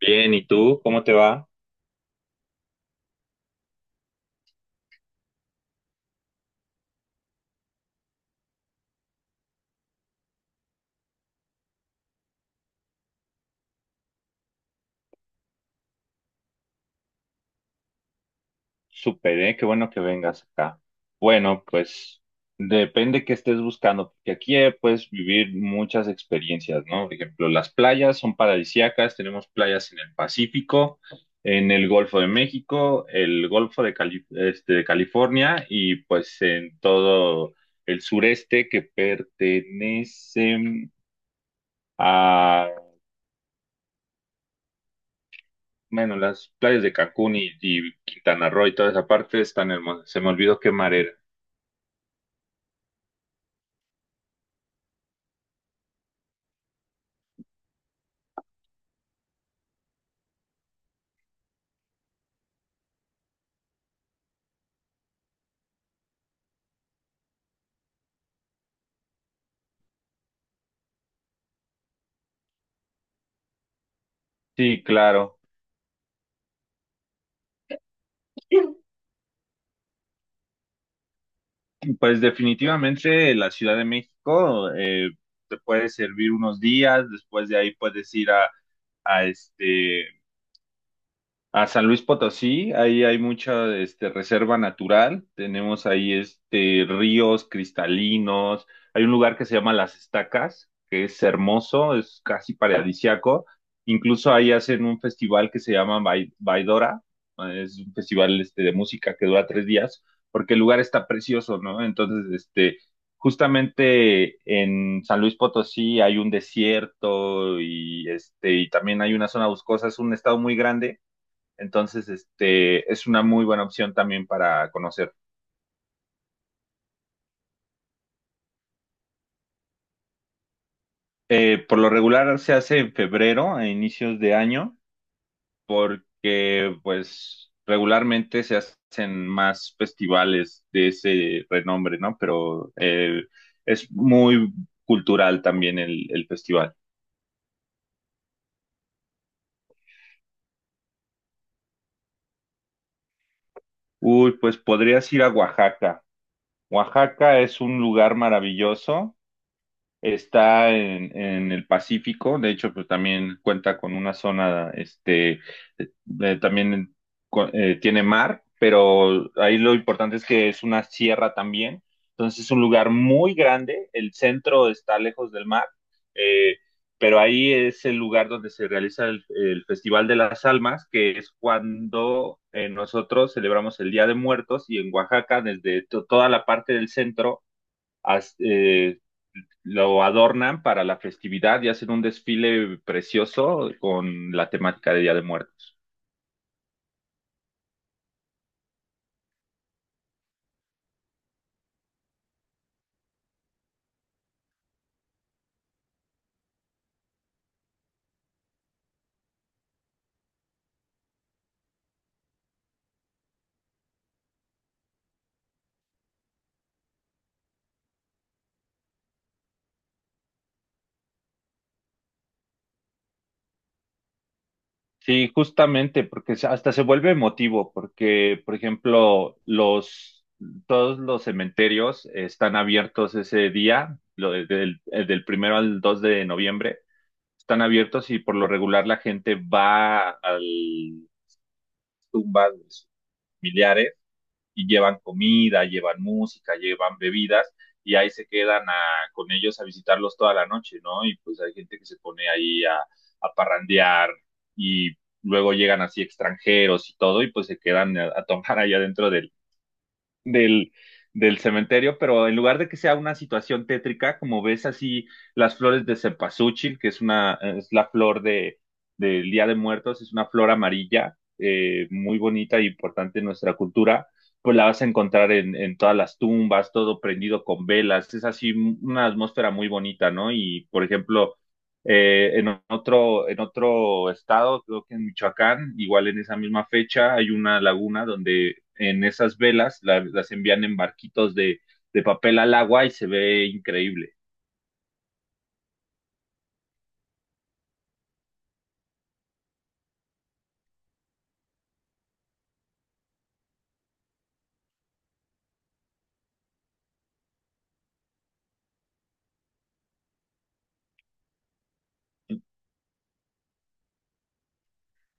Bien, ¿y tú? ¿Cómo te va? Súper, ¿eh? Qué bueno que vengas acá. Bueno, pues depende qué estés buscando, porque aquí puedes vivir muchas experiencias, ¿no? Por ejemplo, las playas son paradisíacas, tenemos playas en el Pacífico, en el Golfo de México, el Golfo de de California, y pues en todo el sureste que pertenece. Bueno, las playas de Cancún y Quintana Roo y toda esa parte están hermosas. Se me olvidó qué mar era. Sí, claro. Pues definitivamente la Ciudad de México te puede servir unos días. Después de ahí puedes ir a a San Luis Potosí. Ahí hay mucha reserva natural, tenemos ahí ríos cristalinos, hay un lugar que se llama Las Estacas, que es hermoso, es casi paradisiaco. Incluso ahí hacen un festival que se llama Baidora, es un festival de música que dura 3 días, porque el lugar está precioso, ¿no? Entonces, justamente en San Luis Potosí hay un desierto y, y también hay una zona boscosa, es un estado muy grande, entonces, es una muy buena opción también para conocer. Por lo regular se hace en febrero, a inicios de año, porque pues regularmente se hacen más festivales de ese renombre, ¿no? Pero es muy cultural también el festival. Uy, pues podrías ir a Oaxaca. Oaxaca es un lugar maravilloso. Está en el Pacífico, de hecho, pues también cuenta con una zona, también tiene mar, pero ahí lo importante es que es una sierra también, entonces es un lugar muy grande, el centro está lejos del mar. eh, pero ahí es el lugar donde se realiza el Festival de las Almas, que es cuando nosotros celebramos el Día de Muertos, y en Oaxaca, desde toda la parte del centro lo adornan para la festividad y hacen un desfile precioso con la temática de Día de Muertos. Sí, justamente, porque hasta se vuelve emotivo, porque, por ejemplo, todos los cementerios están abiertos ese día, del, del primero al 2 de noviembre, están abiertos, y por lo regular la gente va al tumbas de sus familiares y llevan comida, llevan música, llevan bebidas, y ahí se quedan con ellos a visitarlos toda la noche, ¿no? Y pues hay gente que se pone ahí a parrandear, y luego llegan así extranjeros y todo, y pues se quedan a tomar allá dentro del, del cementerio, pero en lugar de que sea una situación tétrica, como ves así las flores de cempasúchil, que es una, es la flor del Día de Muertos, es una flor amarilla, muy bonita e importante en nuestra cultura, pues la vas a encontrar en todas las tumbas, todo prendido con velas, es así una atmósfera muy bonita, ¿no? Y por ejemplo, en otro estado, creo que en Michoacán, igual en esa misma fecha, hay una laguna donde en esas velas las envían en barquitos de papel al agua, y se ve increíble.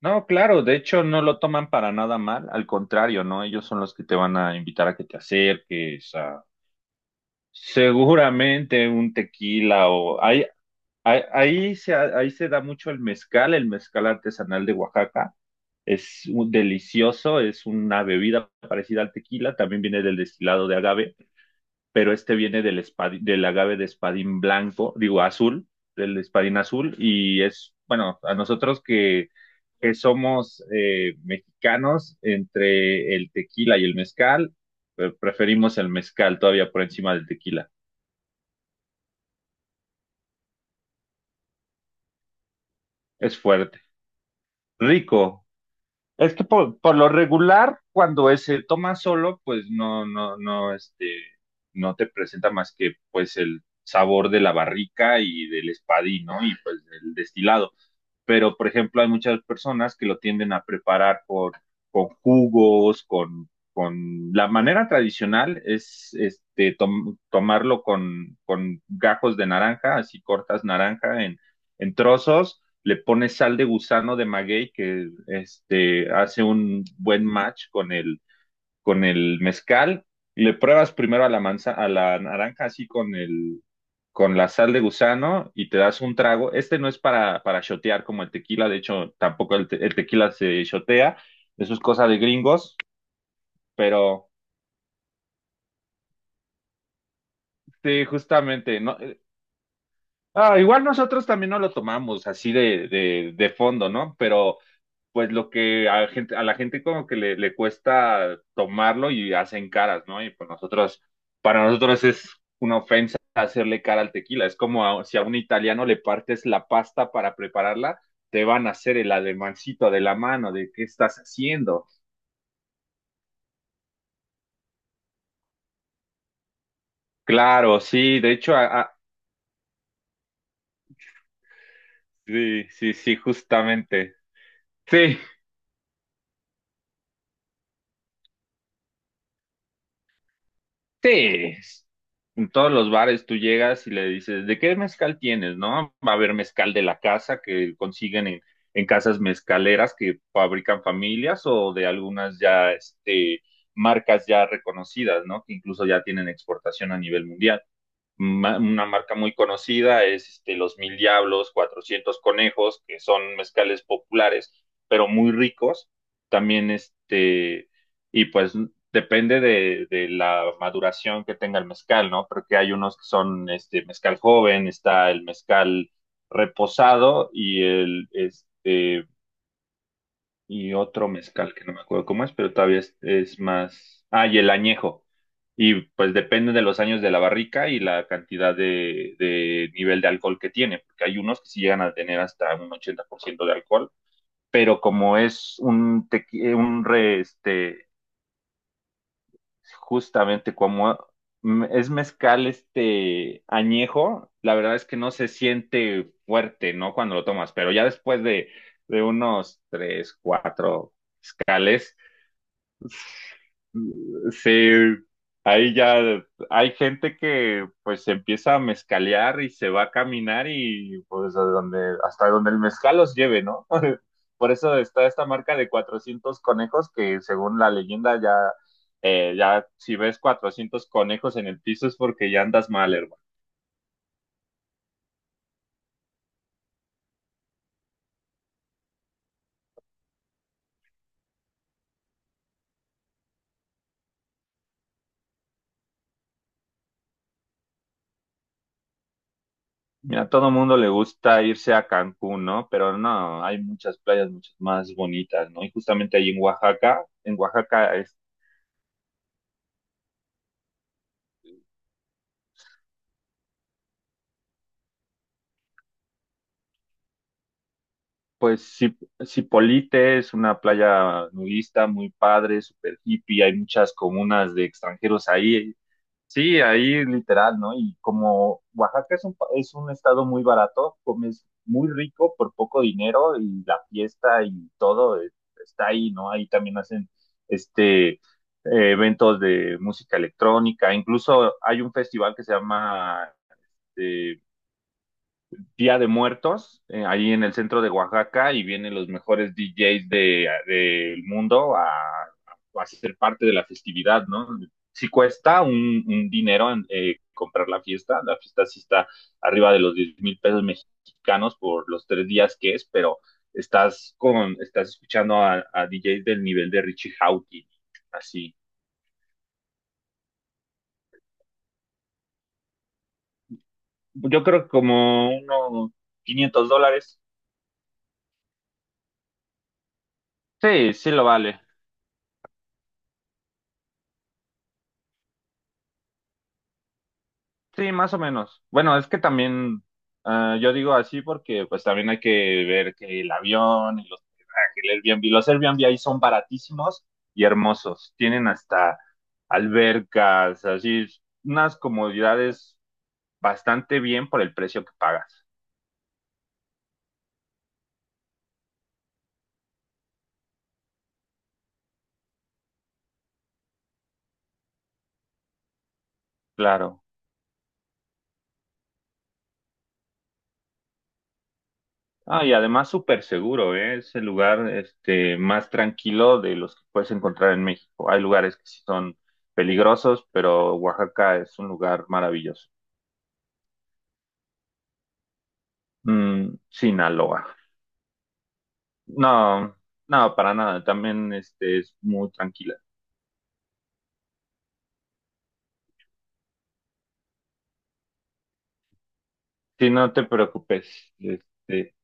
No, claro, de hecho no lo toman para nada mal, al contrario, ¿no? Ellos son los que te van a invitar a que te acerques, a seguramente un tequila o hay, ahí, ahí se da mucho el mezcal artesanal de Oaxaca. Delicioso, es una bebida parecida al tequila, también viene del destilado de agave, pero este viene del agave de espadín blanco, digo azul, del espadín azul, y es, bueno, a nosotros que somos mexicanos, entre el tequila y el mezcal, preferimos el mezcal todavía por encima del tequila. Es fuerte, rico. Es que por lo regular, cuando se toma solo, pues no, no te presenta más que pues el sabor de la barrica y del espadín, ¿no? Y pues del destilado, pero por ejemplo hay muchas personas que lo tienden a preparar con jugos, La manera tradicional es tomarlo con gajos de naranja, así cortas naranja en trozos, le pones sal de gusano de maguey que hace un buen match con el mezcal, le pruebas primero a la manza, a la naranja así con la sal de gusano, y te das un trago. Este no es para shotear como el tequila, de hecho tampoco el tequila se shotea, eso es cosa de gringos, pero sí, justamente, no, igual nosotros también no lo tomamos así de fondo, ¿no? Pero pues lo que a la gente como que le cuesta tomarlo y hacen caras, ¿no? Y pues nosotros, para nosotros es una ofensa hacerle cara al tequila. Es como si a un italiano le partes la pasta para prepararla, te van a hacer el ademancito de la mano, de qué estás haciendo. Claro, sí, de hecho, sí, sí, sí, justamente. Sí, sí, en todos los bares tú llegas y le dices, ¿de qué mezcal tienes, no? Va a haber mezcal de la casa que consiguen en casas mezcaleras que fabrican familias, o de algunas ya, marcas ya reconocidas, ¿no? Que incluso ya tienen exportación a nivel mundial. Una marca muy conocida es Los Mil Diablos, cuatrocientos Conejos, que son mezcales populares, pero muy ricos. También y pues depende de la maduración que tenga el mezcal, ¿no? Porque hay unos que son este mezcal joven, está el mezcal reposado y el este y otro mezcal que no me acuerdo cómo es, pero todavía es más. Ah, y el añejo. Y pues depende de los años de la barrica y la cantidad de nivel de alcohol que tiene, porque hay unos que sí llegan a tener hasta un 80% de alcohol, pero como es un, tequi- un re, este, justamente como es mezcal este añejo, la verdad es que no se siente fuerte, ¿no? Cuando lo tomas, pero ya después de unos tres, cuatro. Sí, ahí ya hay gente que pues se empieza a mezcalear y se va a caminar, y pues a donde, hasta donde el mezcal los lleve, ¿no? Por eso está esta marca de cuatrocientos conejos, que según la leyenda ya, ya si ves cuatrocientos conejos en el piso es porque ya andas mal, hermano. Mira, a todo mundo le gusta irse a Cancún, ¿no? Pero no, hay muchas playas muchas más bonitas, ¿no? Y justamente ahí en Oaxaca, en Oaxaca. Pues Ci- Cipolite es una playa nudista muy padre, super hippie, hay muchas comunas de extranjeros ahí. Sí, ahí literal, ¿no? Y como Oaxaca es es un estado muy barato, comes muy rico por poco dinero, y la fiesta y todo está ahí, ¿no? Ahí también hacen este eh, eventos de música electrónica. Incluso hay un festival que se llama eh, Día de Muertos, ahí en el centro de Oaxaca, y vienen los mejores DJs del mundo a ser parte de la festividad, ¿no? Sí cuesta un dinero en, comprar la fiesta sí está arriba de los 10,000 pesos mexicanos por los 3 días que es, pero estás estás escuchando a DJs del nivel de Richie Hawtin, así. Yo creo que como unos 500 dólares. Sí, sí lo vale. Sí, más o menos. Bueno, es que también ah, yo digo así porque pues también hay que ver que el avión y los hospedaje, el Airbnb, los Airbnb ahí son baratísimos y hermosos. Tienen hasta albercas, así unas comodidades bastante bien por el precio que pagas. Claro. Ah, y además súper seguro, ¿eh? Es el lugar este más tranquilo de los que puedes encontrar en México. Hay lugares que sí son peligrosos, pero Oaxaca es un lugar maravilloso. Mm, Sinaloa. No, no, para nada. También este es muy tranquila. Sí, no te preocupes. Este,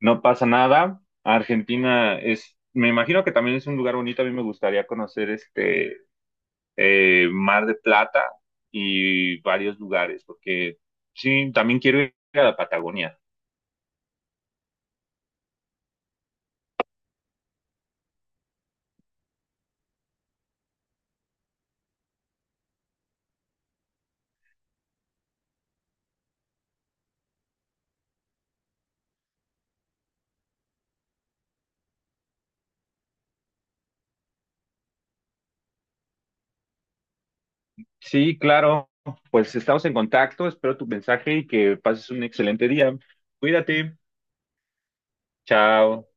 no pasa nada. Argentina es, me imagino que también es un lugar bonito. A mí me gustaría conocer este Mar de Plata y varios lugares, porque sí, también quiero ir a la Patagonia. Sí, claro. Pues estamos en contacto. Espero tu mensaje y que pases un excelente día. Cuídate. Chao.